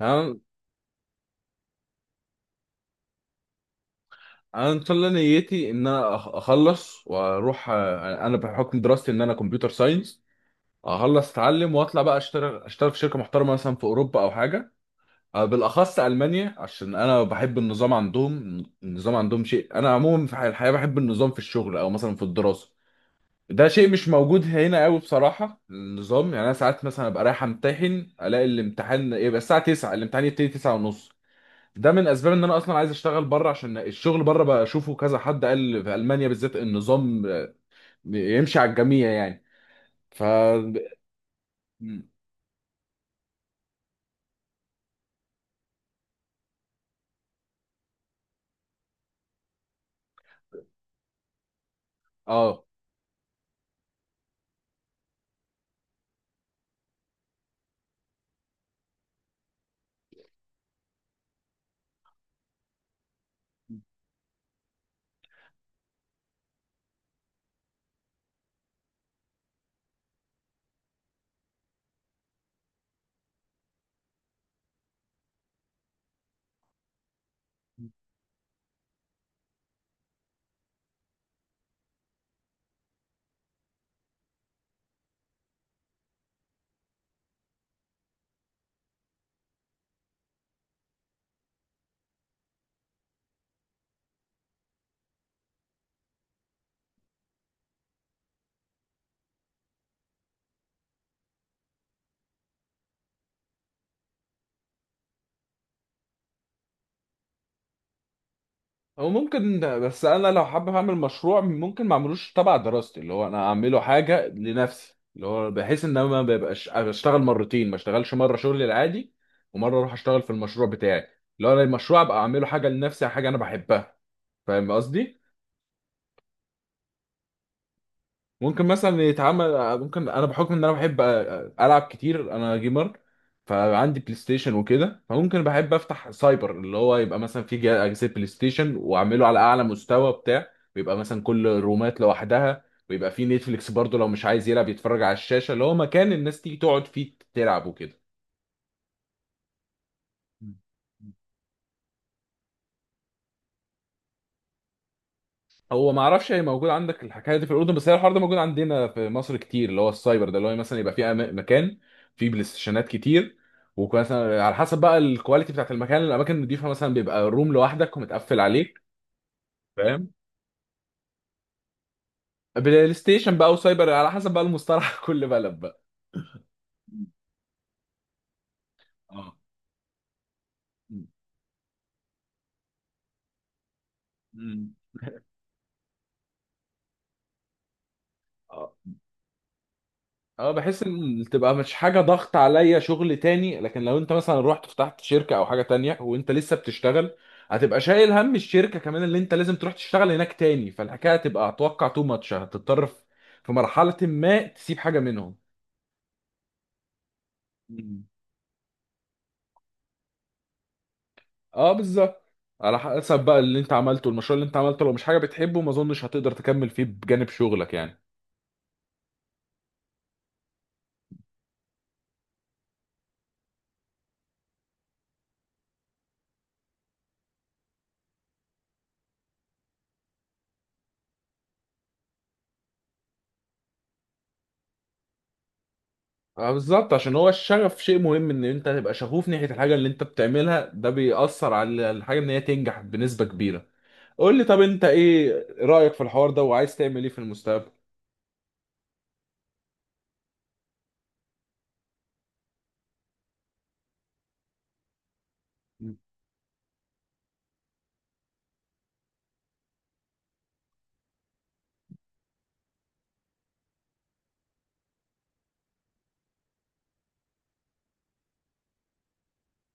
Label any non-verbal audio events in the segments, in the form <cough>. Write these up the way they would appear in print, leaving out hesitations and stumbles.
انا أنا ان شاء الله نيتي ان انا اخلص واروح. انا بحكم دراستي ان انا كمبيوتر ساينس. اخلص اتعلم واطلع بقى اشتغل في شركه محترمه مثلا في اوروبا او حاجه. بالاخص المانيا عشان انا بحب النظام عندهم. النظام عندهم شيء، انا عموما في الحياه بحب النظام في الشغل او مثلا في الدراسه. ده شيء مش موجود هنا قوي بصراحه، النظام. يعني انا ساعات مثلا ابقى رايح امتحن الاقي الامتحان يبقى الساعه 9، الامتحان يبتدي 9 ونص. ده من اسباب ان انا اصلا عايز اشتغل بره، عشان الشغل بره بقى اشوفه كذا. حد قال في المانيا بالذات النظام يمشي على الجميع يعني. ف اه او ممكن، بس انا لو حابب اعمل مشروع ممكن ما اعملوش تبع دراستي، اللي هو انا اعمله حاجه لنفسي، اللي هو بحيث ان انا ما ببقاش اشتغل مرتين، ما اشتغلش مره شغلي العادي ومره اروح اشتغل في المشروع بتاعي. اللي هو انا المشروع ابقى اعمله حاجه لنفسي، حاجه انا بحبها. فاهم قصدي؟ ممكن مثلا يتعمل، ممكن انا بحكم ان انا بحب العب كتير، انا جيمر، فعندي بلاي ستيشن وكده، فممكن بحب افتح سايبر اللي هو يبقى مثلا في اجهزه بلاي ستيشن واعمله على اعلى مستوى بتاع. ويبقى مثلا كل رومات لوحدها، ويبقى في نتفليكس برضه لو مش عايز يلعب يتفرج على الشاشه، اللي هو مكان الناس تيجي تقعد فيه تلعب وكده. هو ما اعرفش هي موجود عندك الحكايه دي في الاردن، بس هي الحوار ده موجود عندنا في مصر كتير، اللي هو السايبر ده اللي هو مثلا يبقى في مكان فيه بلاي ستيشنات كتير. ومثلا على حسب بقى الكواليتي بتاعت المكان، الاماكن النضيفه مثلا بيبقى روم لوحدك ومتقفل عليك. فاهم. بلاي ستيشن بقى وسايبر على حسب بقى المصطلح <laughs> كل بلد بقى. مم. اه. مم. مم. آه. اه، بحس ان تبقى مش حاجه ضغط عليا شغل تاني، لكن لو انت مثلا رحت فتحت شركه او حاجه تانية وانت لسه بتشتغل هتبقى شايل هم الشركه كمان اللي انت لازم تروح تشتغل هناك تاني، فالحكايه هتبقى اتوقع تو ماتش. هتضطر في مرحله ما تسيب حاجه منهم. مم. اه، بالظبط. على حسب بقى اللي انت عملته المشروع، اللي انت عملته لو مش حاجه بتحبه ما اظنش هتقدر تكمل فيه بجانب شغلك يعني. اه بالظبط، عشان هو الشغف شيء مهم، ان انت تبقى شغوف ناحية الحاجة اللي انت بتعملها. ده بيأثر على الحاجة ان هي تنجح بنسبة كبيرة. قول لي، طب انت ايه رأيك في الحوار ده وعايز تعمل ايه في المستقبل؟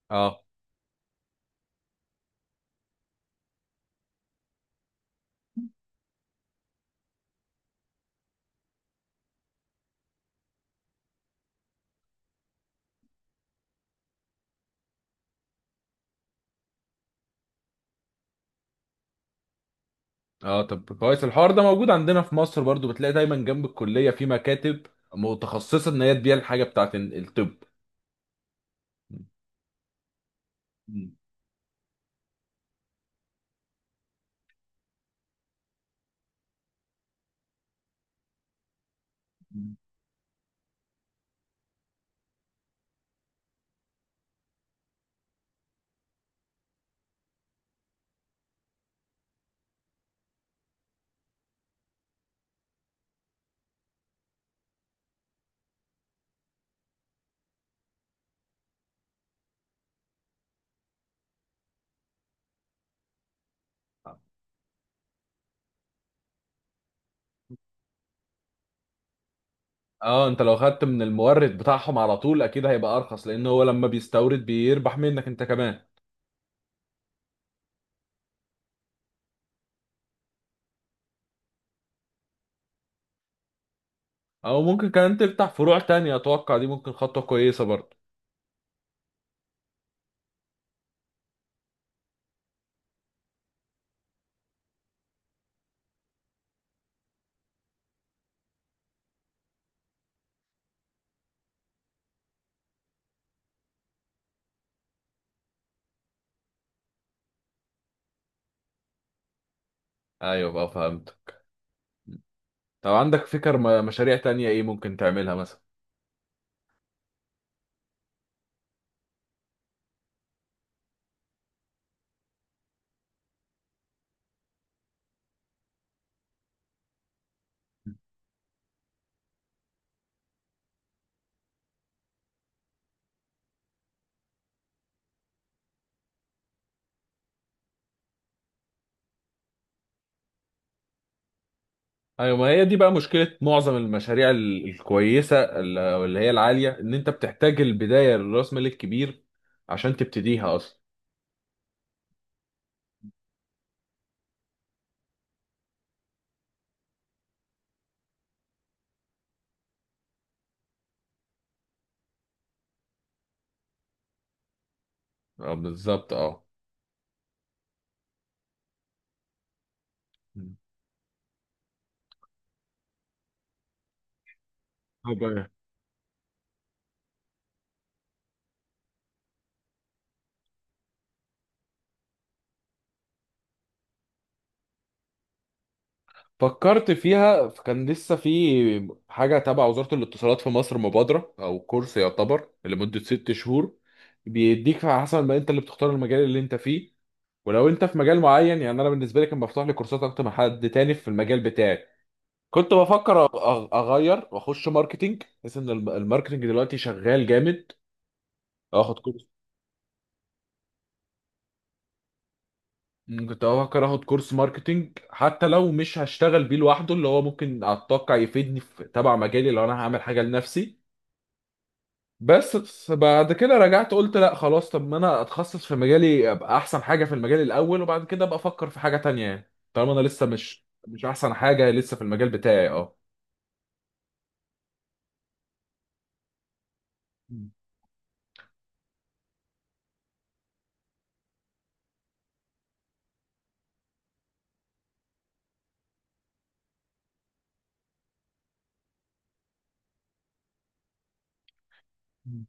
اه. اه، طب كويس، الحوار ده موجود عندنا في مصر برضو. بتلاقي دايما جنب الكلية في مكاتب متخصصة ان هي تبيع الحاجة بتاعت الطب. مم. اه، انت لو خدت من المورد بتاعهم على طول اكيد هيبقى ارخص، لان هو لما بيستورد بيربح منك انت كمان. او ممكن كمان تفتح فروع تانية، اتوقع دي ممكن خطوة كويسة برضه. ايوه بقى، فهمت. طب عندك فكر مشاريع تانية ايه ممكن تعملها مثلا؟ ايوه، ما هي دي بقى مشكلة معظم المشاريع الكويسة أو اللي هي العالية، ان انت بتحتاج البداية للراس مال الكبير عشان تبتديها اصلا. اه بالظبط اه. طب إيه؟ فكرت فيها، كان لسه في حاجة تبع وزارة الاتصالات في مصر مبادرة أو كورس يعتبر لمدة 6 شهور، بيديك على حسب ما أنت اللي بتختار المجال اللي أنت فيه. ولو انت في مجال معين يعني انا بالنسبه لي كان مفتوح لي كورسات اكتر من حد تاني في المجال بتاعي. كنت بفكر اغير واخش ماركتينج، بحيث ان الماركتينج دلوقتي شغال جامد. اخد كورس. مم، كنت بفكر اخد كورس ماركتينج حتى لو مش هشتغل بيه لوحده، اللي هو ممكن اتوقع يفيدني في تبع مجالي لو انا هعمل حاجه لنفسي. بس بعد كده رجعت قلت لا خلاص، طب ما انا اتخصص في مجالي، ابقى احسن حاجه في المجال الاول وبعد كده ابقى افكر في حاجه تانية، يعني طالما انا لسه مش احسن حاجه لسه في المجال بتاعي. اه. مم. مم.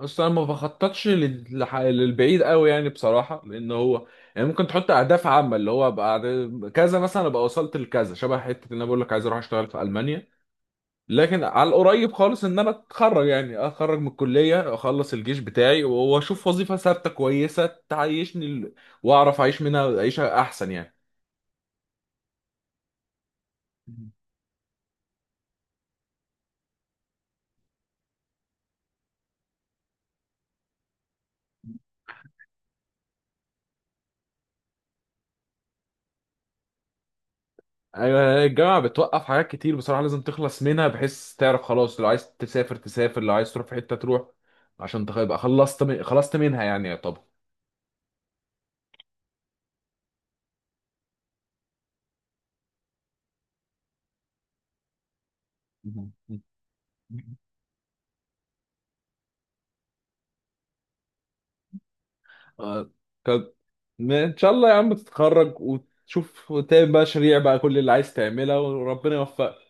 اصلا أنا ما بخططش للبعيد قوي يعني بصراحه، لان هو يعني ممكن تحط اهداف عامه اللي هو بعد كذا، مثلا ابقى وصلت لكذا، شبه حته ان انا بقول لك عايز اروح اشتغل في المانيا. لكن على القريب خالص ان انا اتخرج، يعني اتخرج من الكليه، اخلص الجيش بتاعي واشوف وظيفه ثابته كويسه تعيشني واعرف اعيش منها عيشه احسن يعني. مم. ايوه، الجامعه بتوقف حاجات كتير بصراحه، لازم تخلص منها بحيث تعرف خلاص. لو عايز تسافر تسافر، لو عايز تروح في حته تروح، عشان تبقى خلصت خلصت منها يعني يعتبر. آه. كان- ان شاء الله يا عم تتخرج وتشوف وتعمل بقى شريع بقى كل اللي عايز تعملها وربنا يوفقك.